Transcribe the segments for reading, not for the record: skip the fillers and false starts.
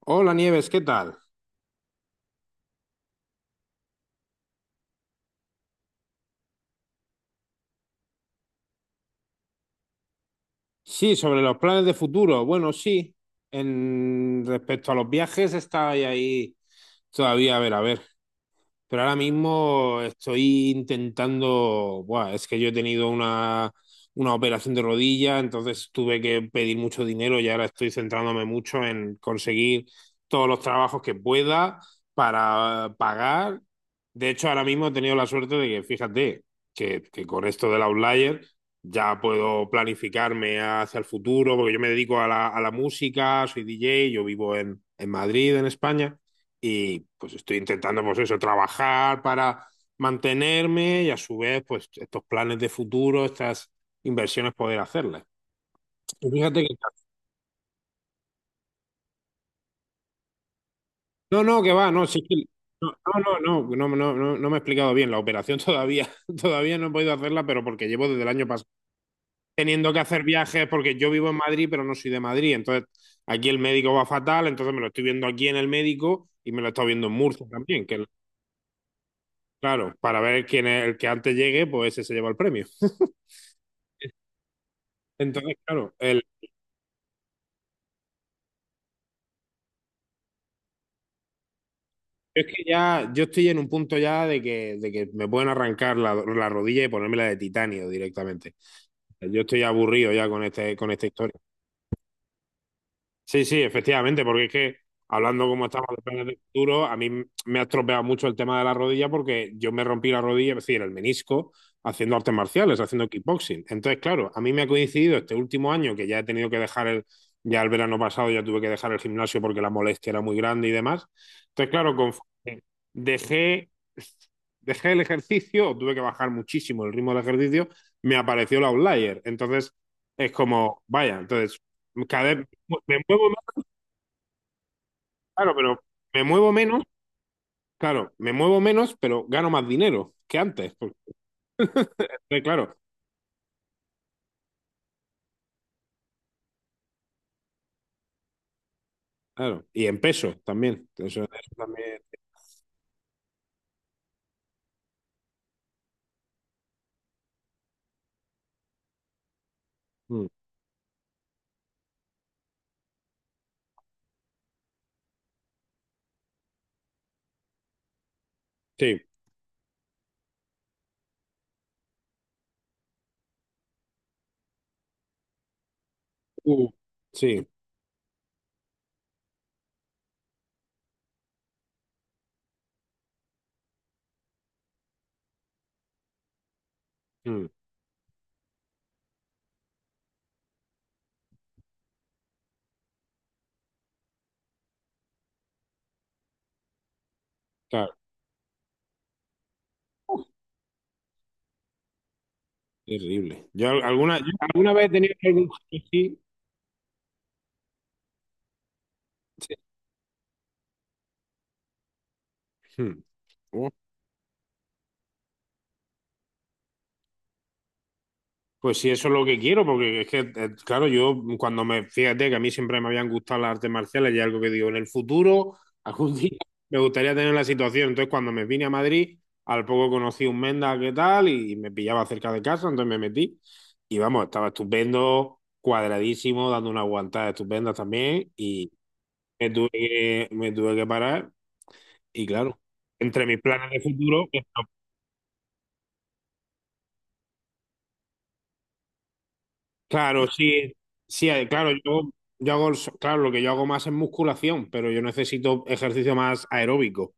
Hola Nieves, ¿qué tal? Sí, sobre los planes de futuro. Bueno, sí, en respecto a los viajes está ahí todavía, a ver. Pero ahora mismo estoy intentando, buah, es que yo he tenido una operación de rodilla, entonces tuve que pedir mucho dinero y ahora estoy centrándome mucho en conseguir todos los trabajos que pueda para pagar. De hecho, ahora mismo he tenido la suerte de que, fíjate, que con esto del Outlier ya puedo planificarme hacia el futuro, porque yo me dedico a la música, soy DJ, yo vivo en Madrid, en España y pues estoy intentando, pues eso, trabajar para mantenerme y a su vez, pues estos planes de futuro, estas inversiones poder hacerlas. Y fíjate que... No, no, que va, no, sí que... No, no, no, no, no, no, no, no me he explicado bien. La operación todavía, todavía no he podido hacerla, pero porque llevo desde el año pasado teniendo que hacer viajes, porque yo vivo en Madrid, pero no soy de Madrid. Entonces, aquí el médico va fatal, entonces me lo estoy viendo aquí en el médico y me lo he estado viendo en Murcia también, que claro, para ver quién es el que antes llegue, pues ese se lleva el premio. Entonces, claro, el, es que ya yo estoy en un punto ya de que me pueden arrancar la rodilla y ponérmela de titanio directamente. Yo estoy aburrido ya con este, con esta historia. Sí, sí, efectivamente, porque es que hablando como estamos de planes de futuro, a mí me ha estropeado mucho el tema de la rodilla porque yo me rompí la rodilla, es decir, el menisco, haciendo artes marciales, haciendo kickboxing. Entonces, claro, a mí me ha coincidido este último año que ya he tenido que dejar el, ya el verano pasado ya tuve que dejar el gimnasio porque la molestia era muy grande y demás. Entonces, claro, conforme dejé, dejé el ejercicio, o tuve que bajar muchísimo el ritmo del ejercicio, me apareció la outlier. Entonces, es como, vaya, entonces... Cada, me muevo más, claro, pero me muevo menos, claro, me muevo menos, pero gano más dinero que antes. Porque... claro, claro. Y en peso también. Eso también. mm, sí. Uh, sí. mm, claro. Uh, terrible. Yo alguna, yo alguna vez he tenido algún sí, sí. mm, uh, pues sí, eso es lo que quiero, porque es que, claro, yo cuando me, fíjate que a mí siempre me habían gustado las artes marciales y algo que digo, en el futuro, algún día me gustaría tener la situación. Entonces, cuando me vine a Madrid, al poco conocí un Menda que tal y me pillaba cerca de casa, entonces me metí y vamos, estaba estupendo, cuadradísimo, dando una aguantada estupenda también y me tuve que parar y claro, entre mis planes de futuro... Claro, sí, sí, claro, yo hago, claro, lo que yo hago más es musculación, pero yo necesito ejercicio más aeróbico. O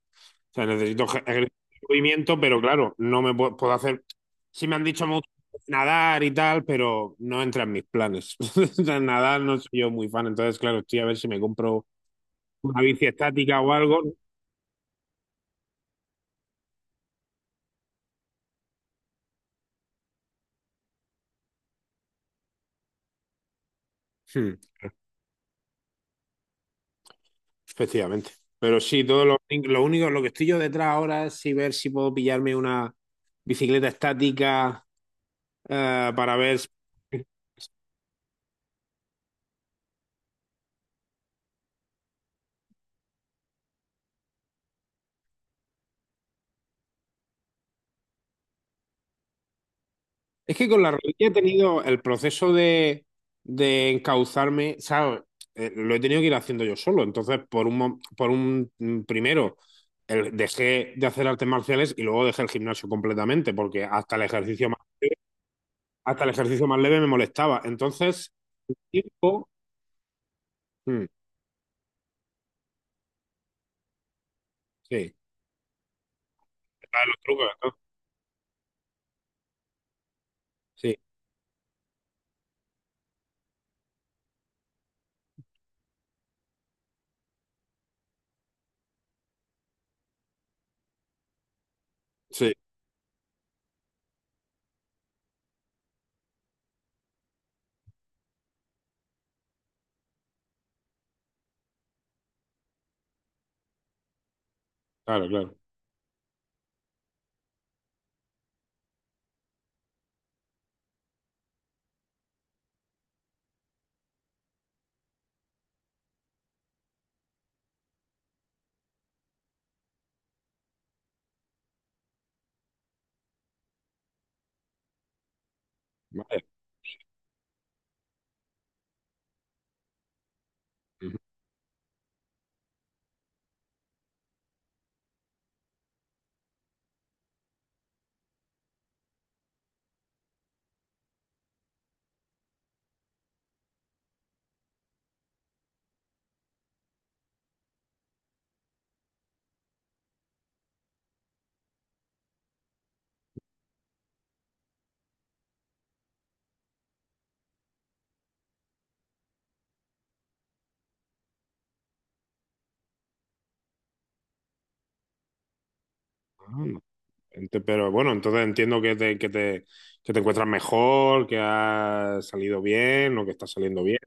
sea, necesito ejercicio de movimiento, pero claro, no me puedo, puedo hacer. Sí me han dicho mucho nadar y tal, pero no entra en mis planes. O sea, nadar no soy yo muy fan, entonces, claro, estoy a ver si me compro una bici estática o algo. Hmm, efectivamente. Pero sí, lo único, lo que estoy yo detrás ahora es si ver si puedo pillarme una bicicleta estática para ver. Es que con la rodilla he tenido el proceso de encauzarme, ¿sabes? Lo he tenido que ir haciendo yo solo. Entonces, por un, por un primero, dejé de hacer artes marciales y luego dejé el gimnasio completamente, porque hasta el ejercicio más, hasta el ejercicio más leve me molestaba. Entonces, tiempo. Mm, sí, está en los trucos, ¿no? Sí, sí, claro, claro. Vale. Ujú. Ah, pero bueno, entonces entiendo que te, que te, que te encuentras mejor, que has salido bien o que está saliendo bien.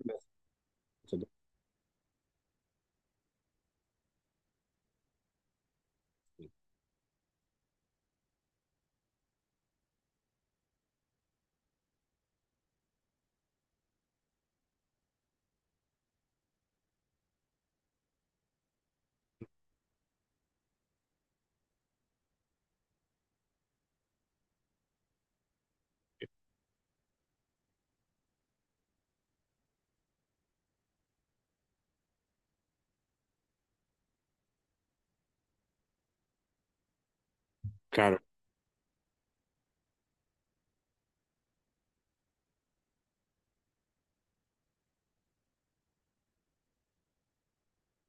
Claro,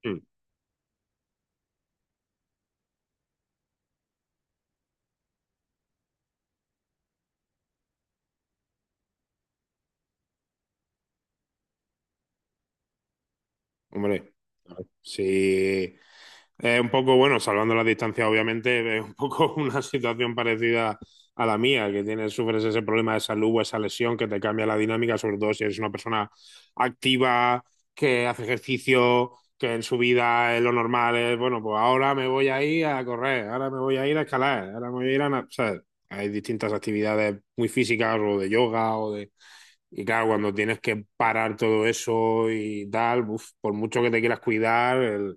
mm, hombre, sí, es un poco, bueno, salvando las distancias, obviamente, es un poco una situación parecida a la mía, que tienes, sufres ese problema de salud o esa lesión que te cambia la dinámica, sobre todo si eres una persona activa, que hace ejercicio, que en su vida es lo normal, es, bueno, pues ahora me voy a ir a correr, ahora me voy a ir a escalar, ahora me voy a ir a... O sea, hay distintas actividades muy físicas o de yoga o de... Y claro, cuando tienes que parar todo eso y tal, uf, por mucho que te quieras cuidar, el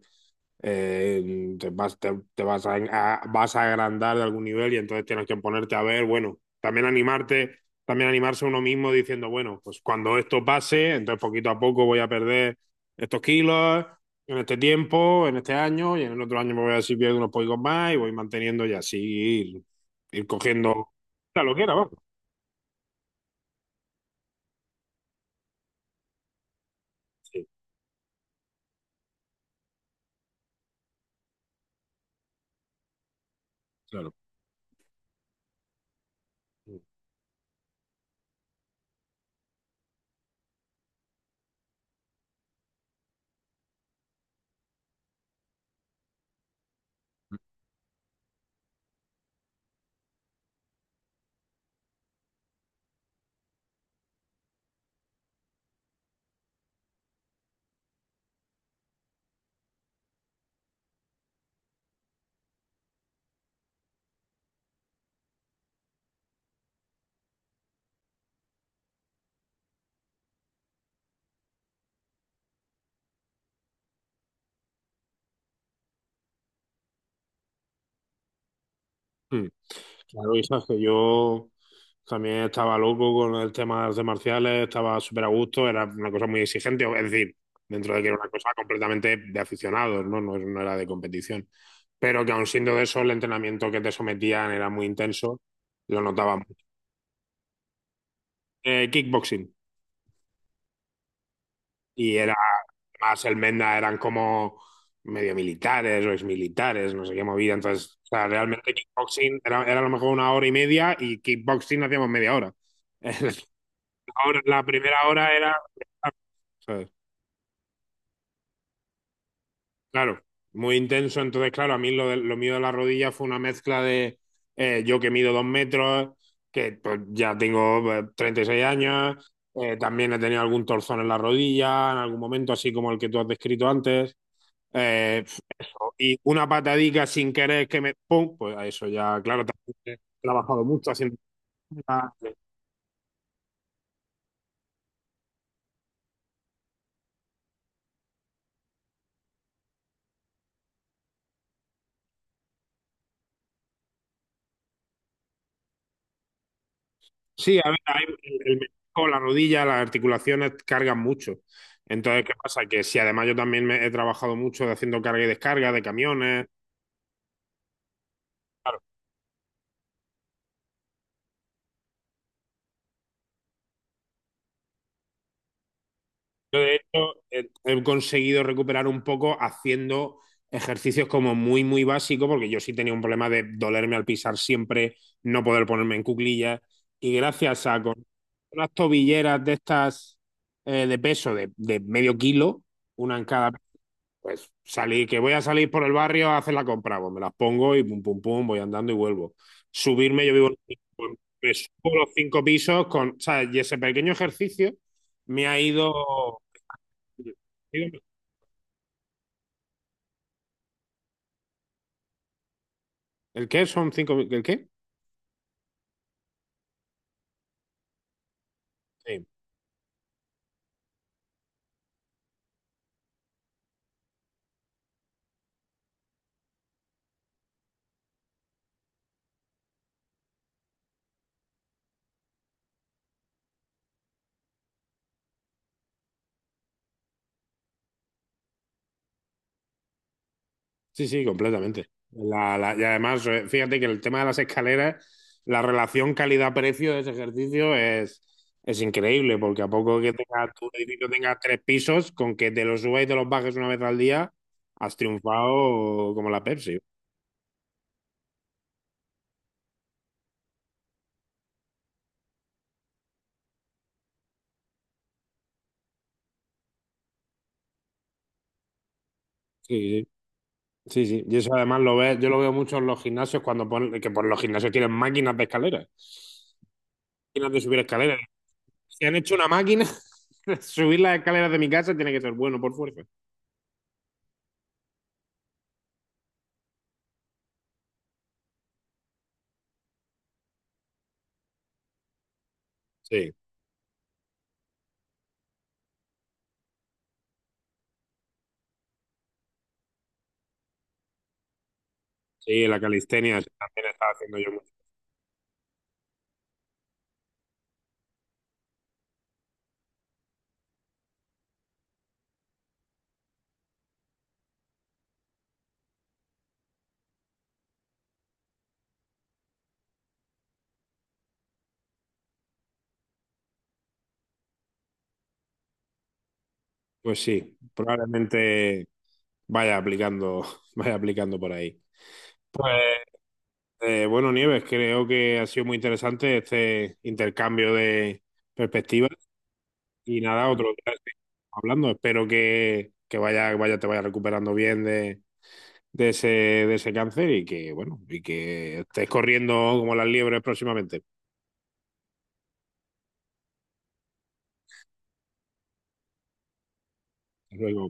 te vas, te vas a, vas a agrandar de algún nivel y entonces tienes que ponerte a ver, bueno, también animarte, también animarse uno mismo diciendo, bueno, pues cuando esto pase, entonces poquito a poco voy a perder estos kilos en este tiempo, en este año y en el otro año me voy a decir pierdo unos pocos más y voy manteniendo y así ir, ir cogiendo la loquera, vamos. Sí, claro. Mm. Claro, y sabes que yo también estaba loco con el tema de artes marciales, estaba súper a gusto, era una cosa muy exigente, es decir, dentro de que era una cosa completamente de aficionados, ¿no? No, no era de competición. Pero que aun siendo de eso, el entrenamiento que te sometían era muy intenso, lo notaba mucho. Kickboxing, y era más el Menda, eran como medio militares o exmilitares, no sé qué movida, entonces, o sea, realmente kickboxing era a lo mejor una hora y media y kickboxing hacíamos media hora. Ahora, la primera hora era, ¿sabes? Claro, muy intenso. Entonces, claro, a mí lo, lo mío de la rodilla fue una mezcla de yo que mido 2 metros, que pues, ya tengo 36 años, también he tenido algún torzón en la rodilla, en algún momento, así como el que tú has descrito antes. Pf, eso. Y una patadica sin querer que me... ¡Pum! Pues a eso ya, claro, también he trabajado mucho haciendo... Sí, a ver, el menisco, la rodilla, las articulaciones cargan mucho. Entonces, ¿qué pasa? Que si además yo también he trabajado mucho de haciendo carga y descarga de camiones. Claro, yo de hecho he, he conseguido recuperar un poco haciendo ejercicios como muy, muy básicos, porque yo sí tenía un problema de dolerme al pisar siempre, no poder ponerme en cuclillas. Y gracias a con unas tobilleras de estas de peso de 0,5 kilos, una en cada pues salí, que voy a salir por el barrio a hacer la compra, pues me las pongo y pum, pum, pum, voy andando y vuelvo. Subirme, yo vivo, un piso, pues, me subo los 5 pisos con, o sea, y ese pequeño ejercicio me ha ido... ¿El qué? ¿Son cinco? ¿El qué? Sí. Sí, sí, completamente. Y además, fíjate que el tema de las escaleras, la relación calidad-precio de ese ejercicio es increíble, porque a poco que tenga, tu edificio tenga tres pisos, con que te los subas y te los bajes una vez al día, has triunfado como la Pepsi. Sí, sí, sí. Sí. Y eso además lo ves, yo lo veo mucho en los gimnasios cuando ponen, que por los gimnasios tienen máquinas de escaleras, máquinas de subir escaleras. Si han hecho una máquina, subir las escaleras de mi casa tiene que ser bueno por fuerza. Sí. Sí, la calistenia eso también estaba haciendo yo mucho. Pues sí, probablemente vaya aplicando, vaya aplicando por ahí. Pues bueno, Nieves, creo que ha sido muy interesante este intercambio de perspectivas y nada, otro día seguimos hablando. Espero que vaya, vaya, te vaya recuperando bien de ese cáncer y que bueno, y que estés corriendo como las liebres próximamente. Hasta luego.